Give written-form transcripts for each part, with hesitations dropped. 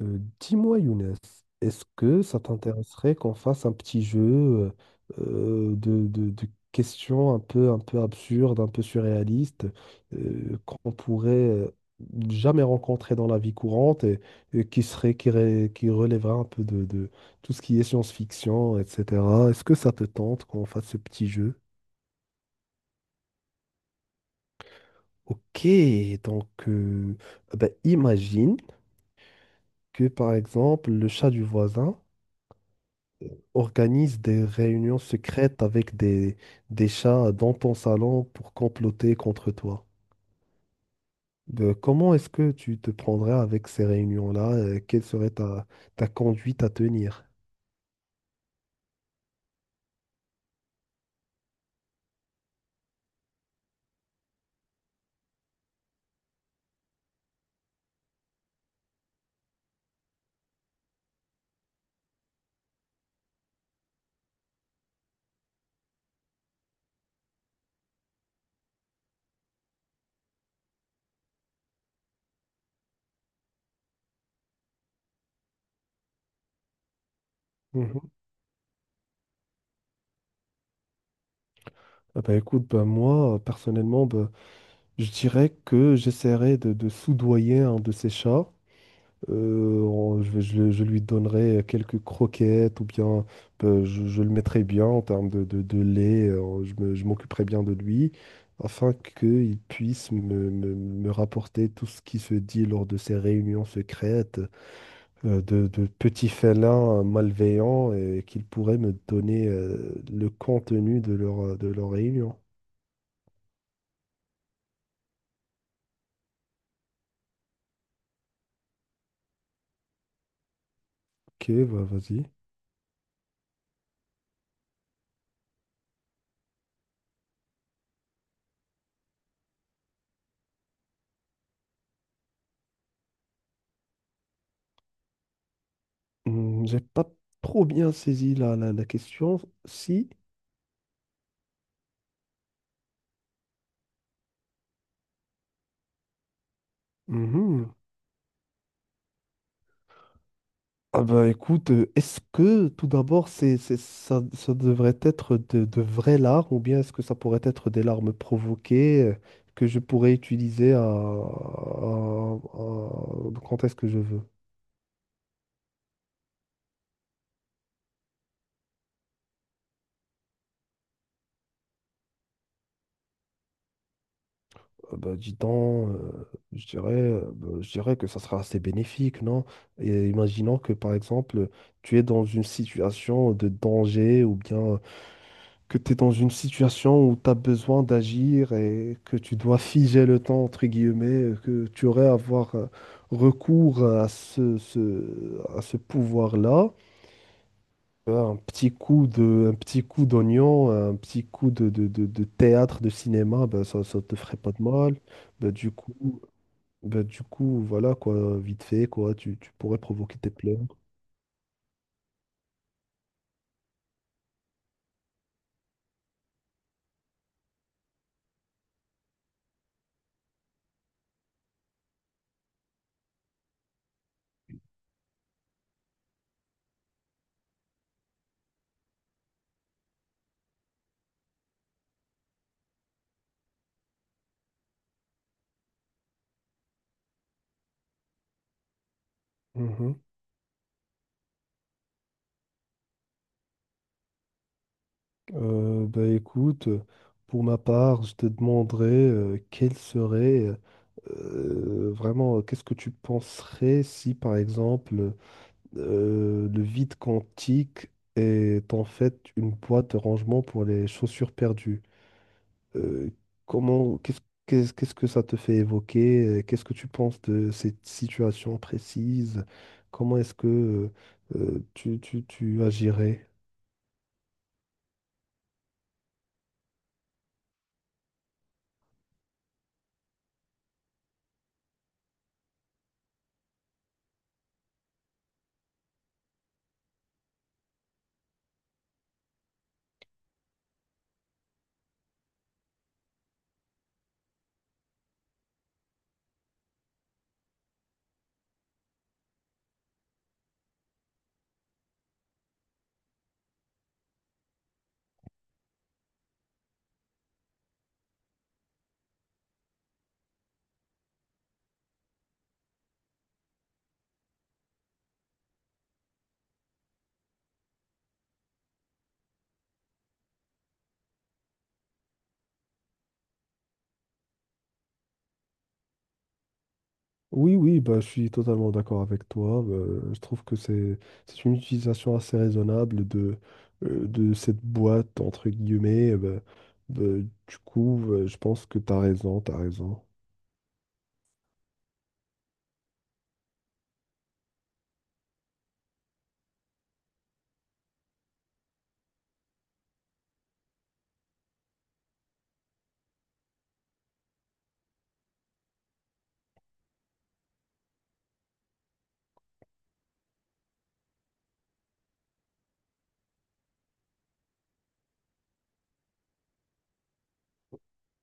Dis-moi, Younes, est-ce que ça t'intéresserait qu'on fasse un petit jeu de questions un peu absurdes, un peu surréalistes, qu'on pourrait jamais rencontrer dans la vie courante et qui serait, qui relèverait un peu de tout ce qui est science-fiction, etc. Est-ce que ça te tente qu'on fasse ce petit jeu? Ok, donc ben, imagine que par exemple le chat du voisin organise des réunions secrètes avec des chats dans ton salon pour comploter contre toi. Comment est-ce que tu te prendrais avec ces réunions-là? Quelle serait ta conduite à tenir? Mhm. Ah bah écoute, bah moi, personnellement, bah, je dirais que j'essaierais de soudoyer un de ces chats. Je lui donnerai quelques croquettes ou bien je le mettrai bien en termes de lait. Je m'occuperai bien de lui afin qu'il puisse me rapporter tout ce qui se dit lors de ces réunions secrètes de petits félins malveillants et qu'il pourrait me donner le contenu de de leur réunion. Ok, bah, vas-y. J'ai pas trop bien saisi la question. Si. Hmm, hmm. Ah bah écoute, est-ce que tout d'abord ça devrait être de vraies larmes ou bien est-ce que ça pourrait être des larmes provoquées que je pourrais utiliser quand est-ce que je veux? Ah bah dis donc, je dirais que ça sera assez bénéfique, non? Et imaginons que par exemple tu es dans une situation de danger ou bien que tu es dans une situation où tu as besoin d'agir et que tu dois figer le temps, entre guillemets, que tu aurais à avoir recours à à ce pouvoir-là. Un un petit coup d'oignon, un petit coup de théâtre, de cinéma, ben ça ne te ferait pas de mal. Ben, du coup, ben, du coup, voilà quoi, vite fait, quoi, tu pourrais provoquer tes pleurs. Mhm. Bah écoute, pour ma part, je te demanderais quel serait vraiment, qu'est-ce que tu penserais si, par exemple, le vide quantique est en fait une boîte de rangement pour les chaussures perdues? Euh, comment, qu'est-ce, qu'est-ce qu'est-ce que ça te fait évoquer? Qu'est-ce que tu penses de cette situation précise? Comment est-ce que tu agirais? Oui, oui, bah, je suis totalement d'accord avec toi. Je trouve que c'est une utilisation assez raisonnable de cette boîte, entre guillemets. Bah, du coup, je pense que tu as raison, tu as raison.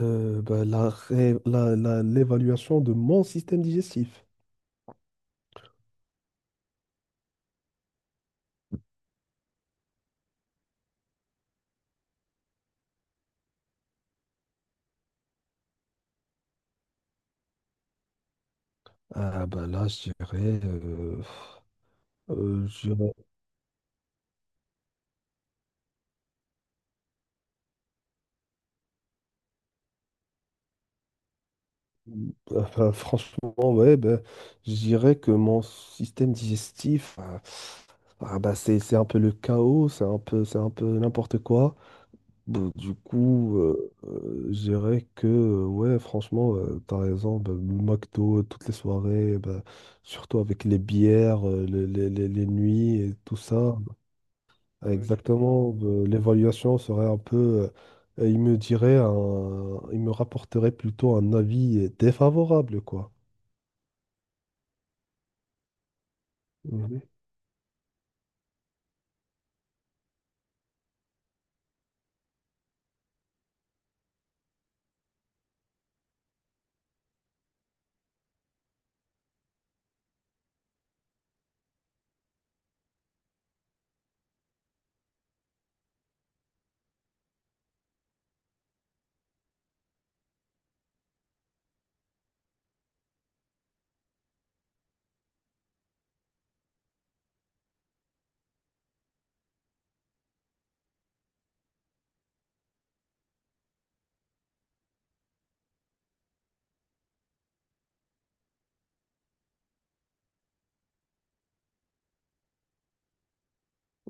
Bah, la, ré- la- la- l'évaluation de mon système digestif. Ah, bah, là, je dirais Ah bah, franchement, ouais, bah, je dirais que mon système digestif, ah, ah bah, c'est un peu le chaos, c'est un peu n'importe quoi. Bon, du coup, je dirais que, ouais, franchement, t'as raison, bah, le McDo, toutes les soirées, bah, surtout avec les bières, les nuits et tout ça. Ah, ouais, exactement, bah, l'évaluation serait un peu, il me rapporterait plutôt un avis défavorable, quoi. Mhm.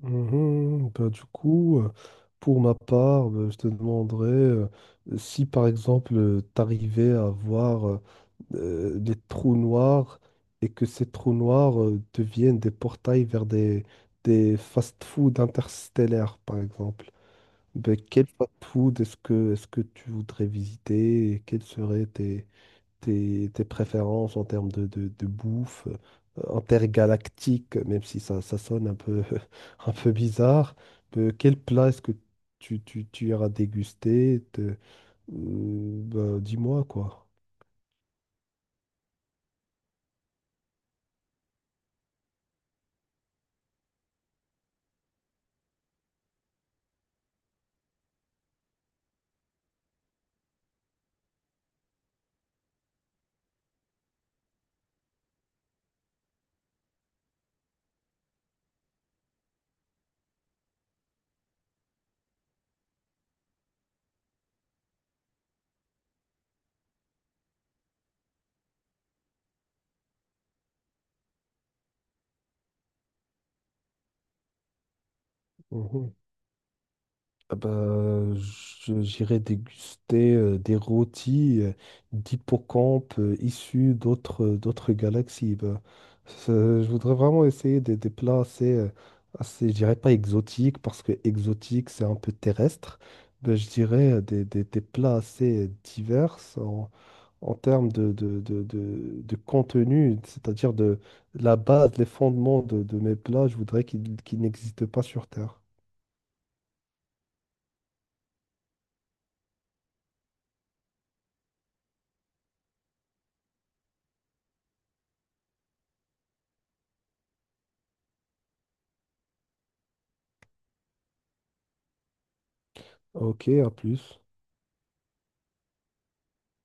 Mhm. Bah, du coup, pour ma part, je te demanderais si par exemple t'arrivais à voir des trous noirs et que ces trous noirs deviennent des portails vers des fast-food interstellaires, par exemple. Ben, quel fast-food est-ce que tu voudrais visiter et quels seraient tes préférences en termes de bouffe intergalactique, même si ça sonne un peu bizarre. Quel plat est-ce que tu iras déguster? Bah, dis-moi quoi. Ah bah, j'irai déguster des rôtis d'hippocampes issus d'autres galaxies. Bah, ça- je voudrais vraiment essayer des plats assez, assez, je dirais pas exotiques, parce que exotique, c'est un peu terrestre. Mais je dirais des plats assez divers en termes de contenu, c'est-à-dire de la base, les fondements de mes plats, je voudrais qu'ils n'existent pas sur Terre. Ok, à plus.